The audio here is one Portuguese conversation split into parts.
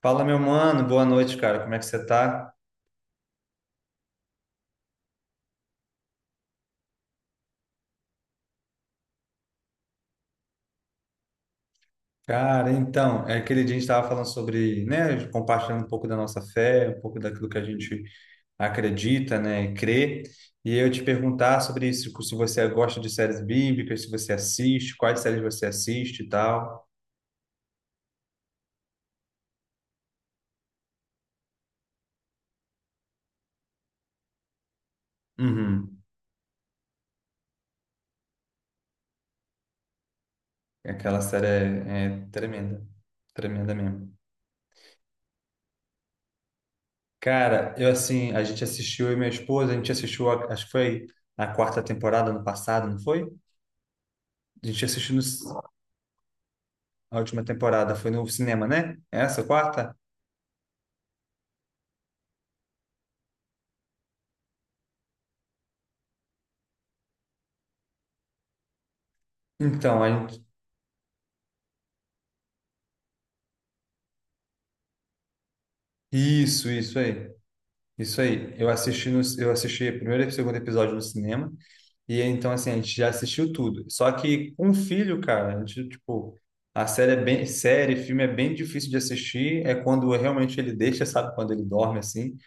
Fala, meu mano, boa noite, cara. Como é que você tá? Cara, então, é aquele dia a gente estava falando sobre, né, compartilhando um pouco da nossa fé, um pouco daquilo que a gente acredita, né, e crê. E eu te perguntar sobre isso, tipo, se você gosta de séries bíblicas, se você assiste, quais séries você assiste e tal. Uhum. Aquela série é tremenda, tremenda mesmo. Cara, eu assim, a gente assistiu, eu e minha esposa, a gente assistiu, acho que foi a quarta temporada ano passado, não foi? A gente assistiu no. A última temporada foi no cinema, né? Essa quarta? Então, a gente... Isso aí. Isso aí. Eu assisti no... eu assisti o primeiro e o segundo episódio no cinema e então assim, a gente já assistiu tudo. Só que com filho, cara, a gente tipo a série é bem série, filme é bem difícil de assistir, é quando realmente ele deixa, sabe, quando ele dorme assim.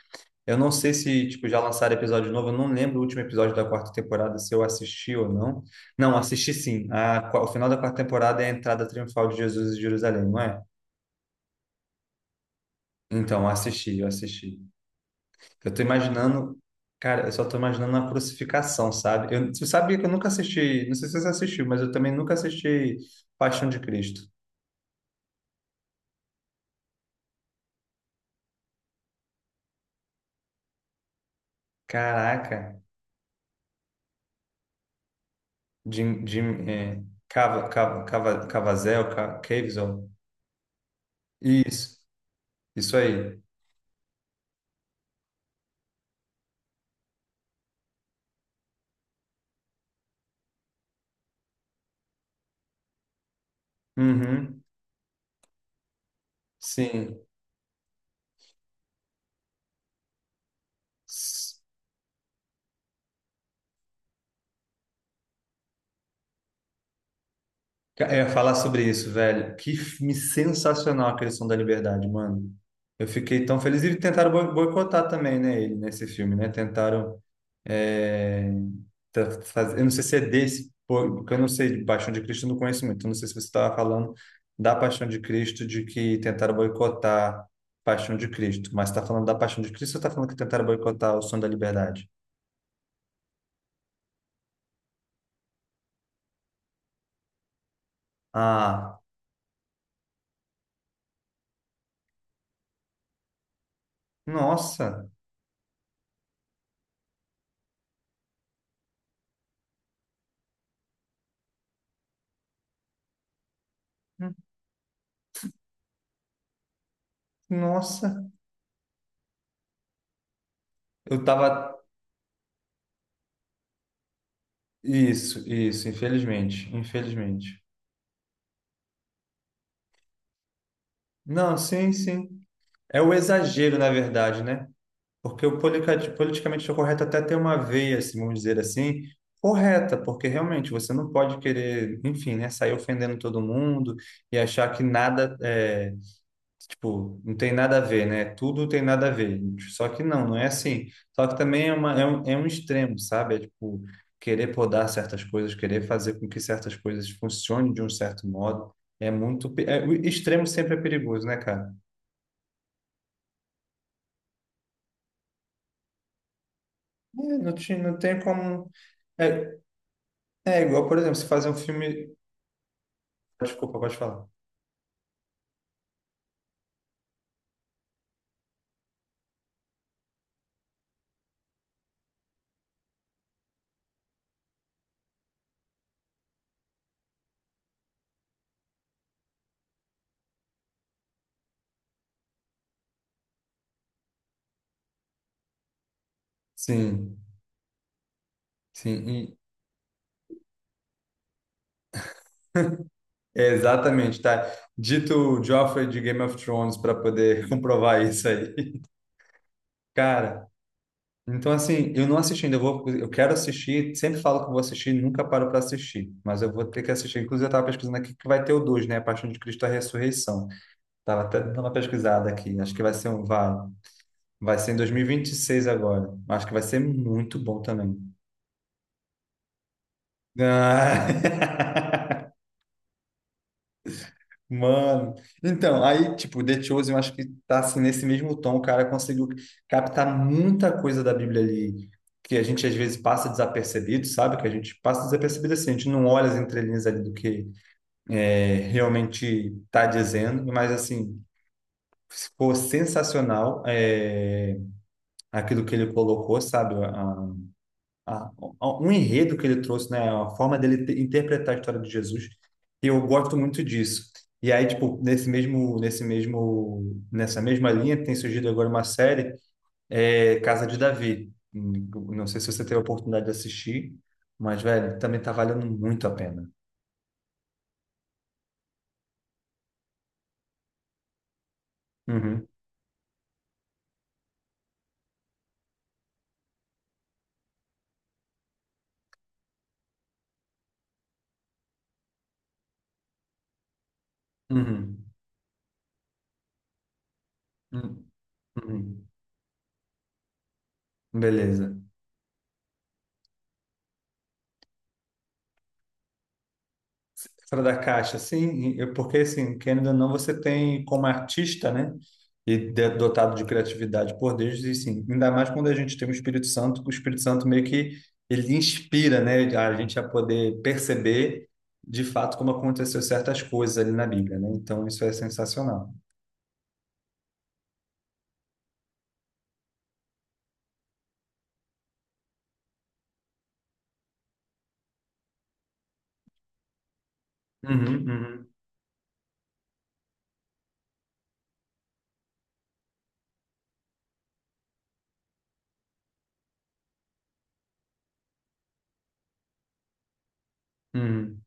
Eu não sei se, tipo, já lançaram episódio novo, eu não lembro o último episódio da quarta temporada, se eu assisti ou não. Não, assisti sim. O final da quarta temporada é a entrada triunfal de Jesus em Jerusalém, não é? Então, assisti. Eu tô imaginando, cara, eu só tô imaginando a crucificação, sabe? Eu, você sabia que eu nunca assisti, não sei se você assistiu, mas eu também nunca assisti Paixão de Cristo. Caraca, Jim Caviezel. Isso, isso aí. Uhum, sim. Eu ia falar sobre isso, velho. Que filme sensacional aquele Som da Liberdade, mano. Eu fiquei tão feliz. E tentaram boicotar também, né, ele, nesse filme, né? Tentaram. é, Eu não sei se é desse, pô, porque eu não sei, de Paixão de Cristo eu não conheço muito. Eu não sei se você estava falando da Paixão de Cristo, de que tentaram boicotar Paixão de Cristo. Mas está falando da Paixão de Cristo ou está falando que tentaram boicotar o Som da Liberdade? Ah, nossa! Nossa! Eu tava. Isso, infelizmente, infelizmente. Não, sim, sim. É o exagero, na verdade, né? Porque o politicamente correto até tem uma veia, assim, vamos dizer assim, correta, porque realmente você não pode querer, enfim, né, sair ofendendo todo mundo e achar que nada é. Tipo, não tem nada a ver, né? Tudo tem nada a ver. Só que não, não é assim. Só que também é, uma, é um extremo, sabe? É tipo, querer podar certas coisas, querer fazer com que certas coisas funcionem de um certo modo. É muito. O extremo sempre é perigoso, né, cara? É, não, não tem como. É, é igual, por exemplo, se fazer um filme. Desculpa, pode falar. Sim, sim. e- é exatamente, tá? Dito o Joffrey de Game of Thrones para poder comprovar isso aí. Cara. Então, assim, eu não assisti ainda, eu vou, eu quero assistir, sempre falo que vou assistir, nunca paro para assistir, mas eu vou ter que assistir. Inclusive, eu estava pesquisando aqui que vai ter o 2 né? A Paixão de Cristo, a Ressurreição. Tava até dando uma pesquisada aqui, acho que vai ser em dois mil e vinte e seis agora. Acho que vai ser muito bom também. Ah. Mano, então, aí, tipo, The Chosen, eu acho que tá assim nesse mesmo tom, o cara conseguiu captar muita coisa da Bíblia ali, que a gente às vezes passa desapercebido, sabe? Que a gente passa desapercebido assim, a gente não olha as entrelinhas ali do que realmente tá dizendo, mas assim, ficou sensacional aquilo que ele colocou, sabe? a- Um enredo que ele trouxe, né? A forma dele interpretar a história de Jesus. E eu gosto muito disso. E aí, tipo, nessa mesma linha, tem surgido agora uma série, Casa de Davi. Não sei se você teve a oportunidade de assistir, mas, velho, também tá valendo muito a pena. Uhum, uhum, uhum, uhum. Beleza. Fora da caixa, sim, porque assim, querendo ou não, você tem como artista, né? E dotado de criatividade por Deus, e sim, ainda mais quando a gente tem o Espírito Santo, que o Espírito Santo meio que ele inspira, né? A gente a poder perceber de fato como aconteceu certas coisas ali na Bíblia, né? Então isso é sensacional. Uhum, uhum, uhum.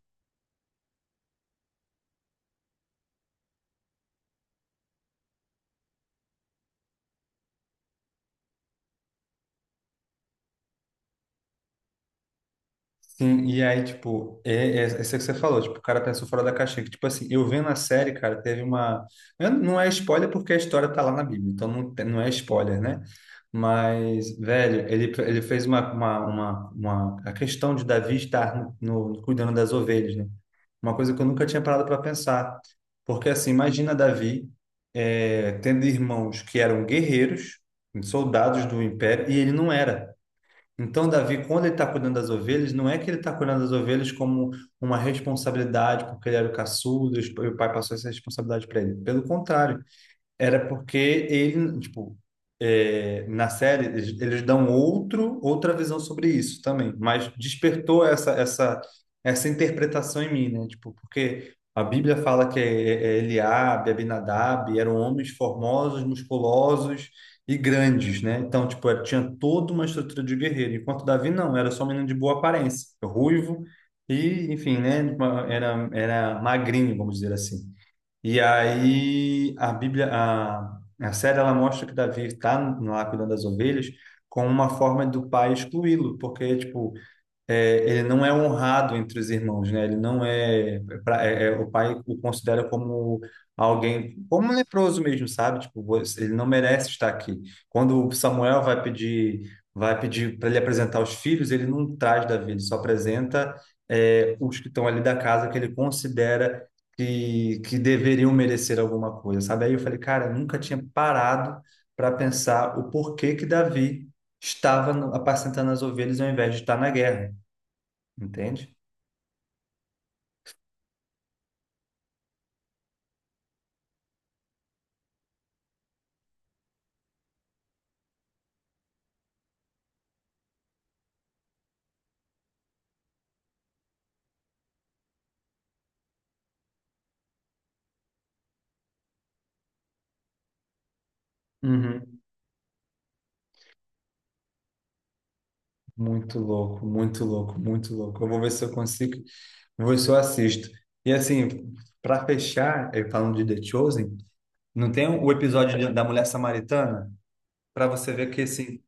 Sim, e aí, tipo, essa que você falou, tipo, o cara pensou fora da caixinha, que, tipo assim, eu vendo a série, cara, teve uma... Não é spoiler porque a história tá lá na Bíblia, então não, não é spoiler, né? Mas, velho, ele fez uma... A questão de Davi estar cuidando das ovelhas, né? Uma coisa que eu nunca tinha parado para pensar. Porque, assim, imagina Davi tendo irmãos que eram guerreiros, soldados do império, e ele não era. Então, Davi, quando ele está cuidando das ovelhas, não é que ele está cuidando das ovelhas como uma responsabilidade, porque ele era o caçudo e o pai passou essa responsabilidade para ele. Pelo contrário, era porque ele, tipo, na série eles dão outra visão sobre isso também, mas despertou essa interpretação em mim, né? Tipo, porque a Bíblia fala que Eliabe, Abinadab eram homens formosos, musculosos e grandes, né? Então, tipo, tinha toda uma estrutura de guerreiro, enquanto Davi não, era só um menino de boa aparência, ruivo e, enfim, né? Era magrinho, vamos dizer assim. E aí a Bíblia, a série ela mostra que Davi está lá cuidando das ovelhas com uma forma do pai excluí-lo, porque tipo ele não é honrado entre os irmãos, né? Ele não é, o pai o considera como alguém, como um leproso mesmo, sabe? Tipo, ele não merece estar aqui. Quando o Samuel vai pedir para ele apresentar os filhos, ele não traz Davi, ele só apresenta os que estão ali da casa que ele considera que deveriam merecer alguma coisa, sabe? Aí eu falei, cara, eu nunca tinha parado para pensar o porquê que Davi estava apacentando as ovelhas ao invés de estar na guerra entende? Uhum. Muito louco, muito louco, muito louco. Eu vou ver se eu consigo, vou ver se eu assisto. E assim, para fechar, eu falando de The Chosen, não tem o episódio da mulher samaritana? Para você ver que assim,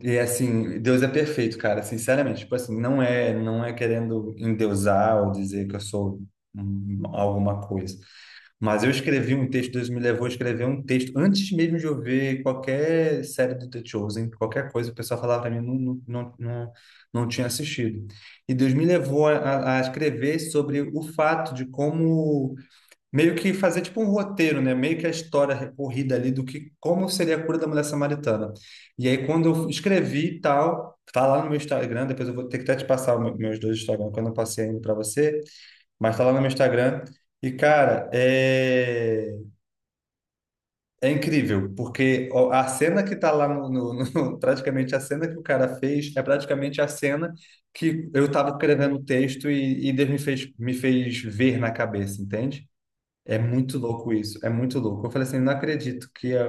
e assim, Deus é perfeito, cara, sinceramente. Tipo assim, não é, não é querendo endeusar ou dizer que eu sou alguma coisa. Mas eu escrevi um texto, Deus me levou a escrever um texto antes mesmo de eu ver qualquer série do The Chosen, qualquer coisa, o pessoal falava para mim, não, não, não, não, não tinha assistido. E Deus me levou a, a escrever sobre o fato de como meio que fazer tipo um roteiro, né? Meio que a história recorrida ali do que como seria a cura da mulher samaritana. E aí quando eu escrevi e tal, tá lá no meu Instagram, depois eu vou ter que até te passar o meus dois Instagram, que eu não passei ainda para você, mas tá lá no meu Instagram. E cara, é incrível, porque ó, a cena que tá lá no, praticamente a cena que o cara fez é praticamente a cena que eu tava escrevendo o texto e Deus me fez ver na cabeça, entende? É muito louco isso, é muito louco. Eu falei assim, não acredito que é,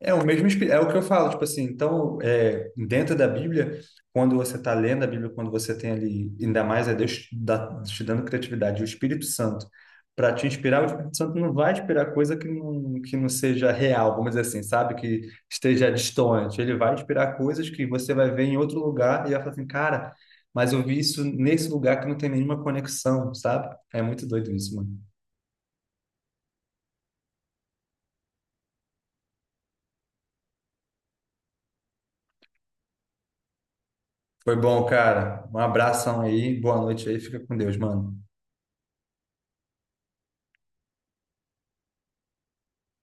é o mesmo espírito, é o que eu falo, tipo assim, então, dentro da Bíblia, quando você está lendo a Bíblia, quando você tem ali, ainda mais Deus te dando criatividade, o Espírito Santo, para te inspirar, o Espírito Santo não vai te inspirar coisa que não seja real, vamos dizer assim, sabe? Que esteja distante. Ele vai te inspirar coisas que você vai ver em outro lugar e vai falar assim, cara, mas eu vi isso nesse lugar que não tem nenhuma conexão, sabe? É muito doido isso, mano. Foi bom, cara. Um abração aí, boa noite aí, fica com Deus, mano.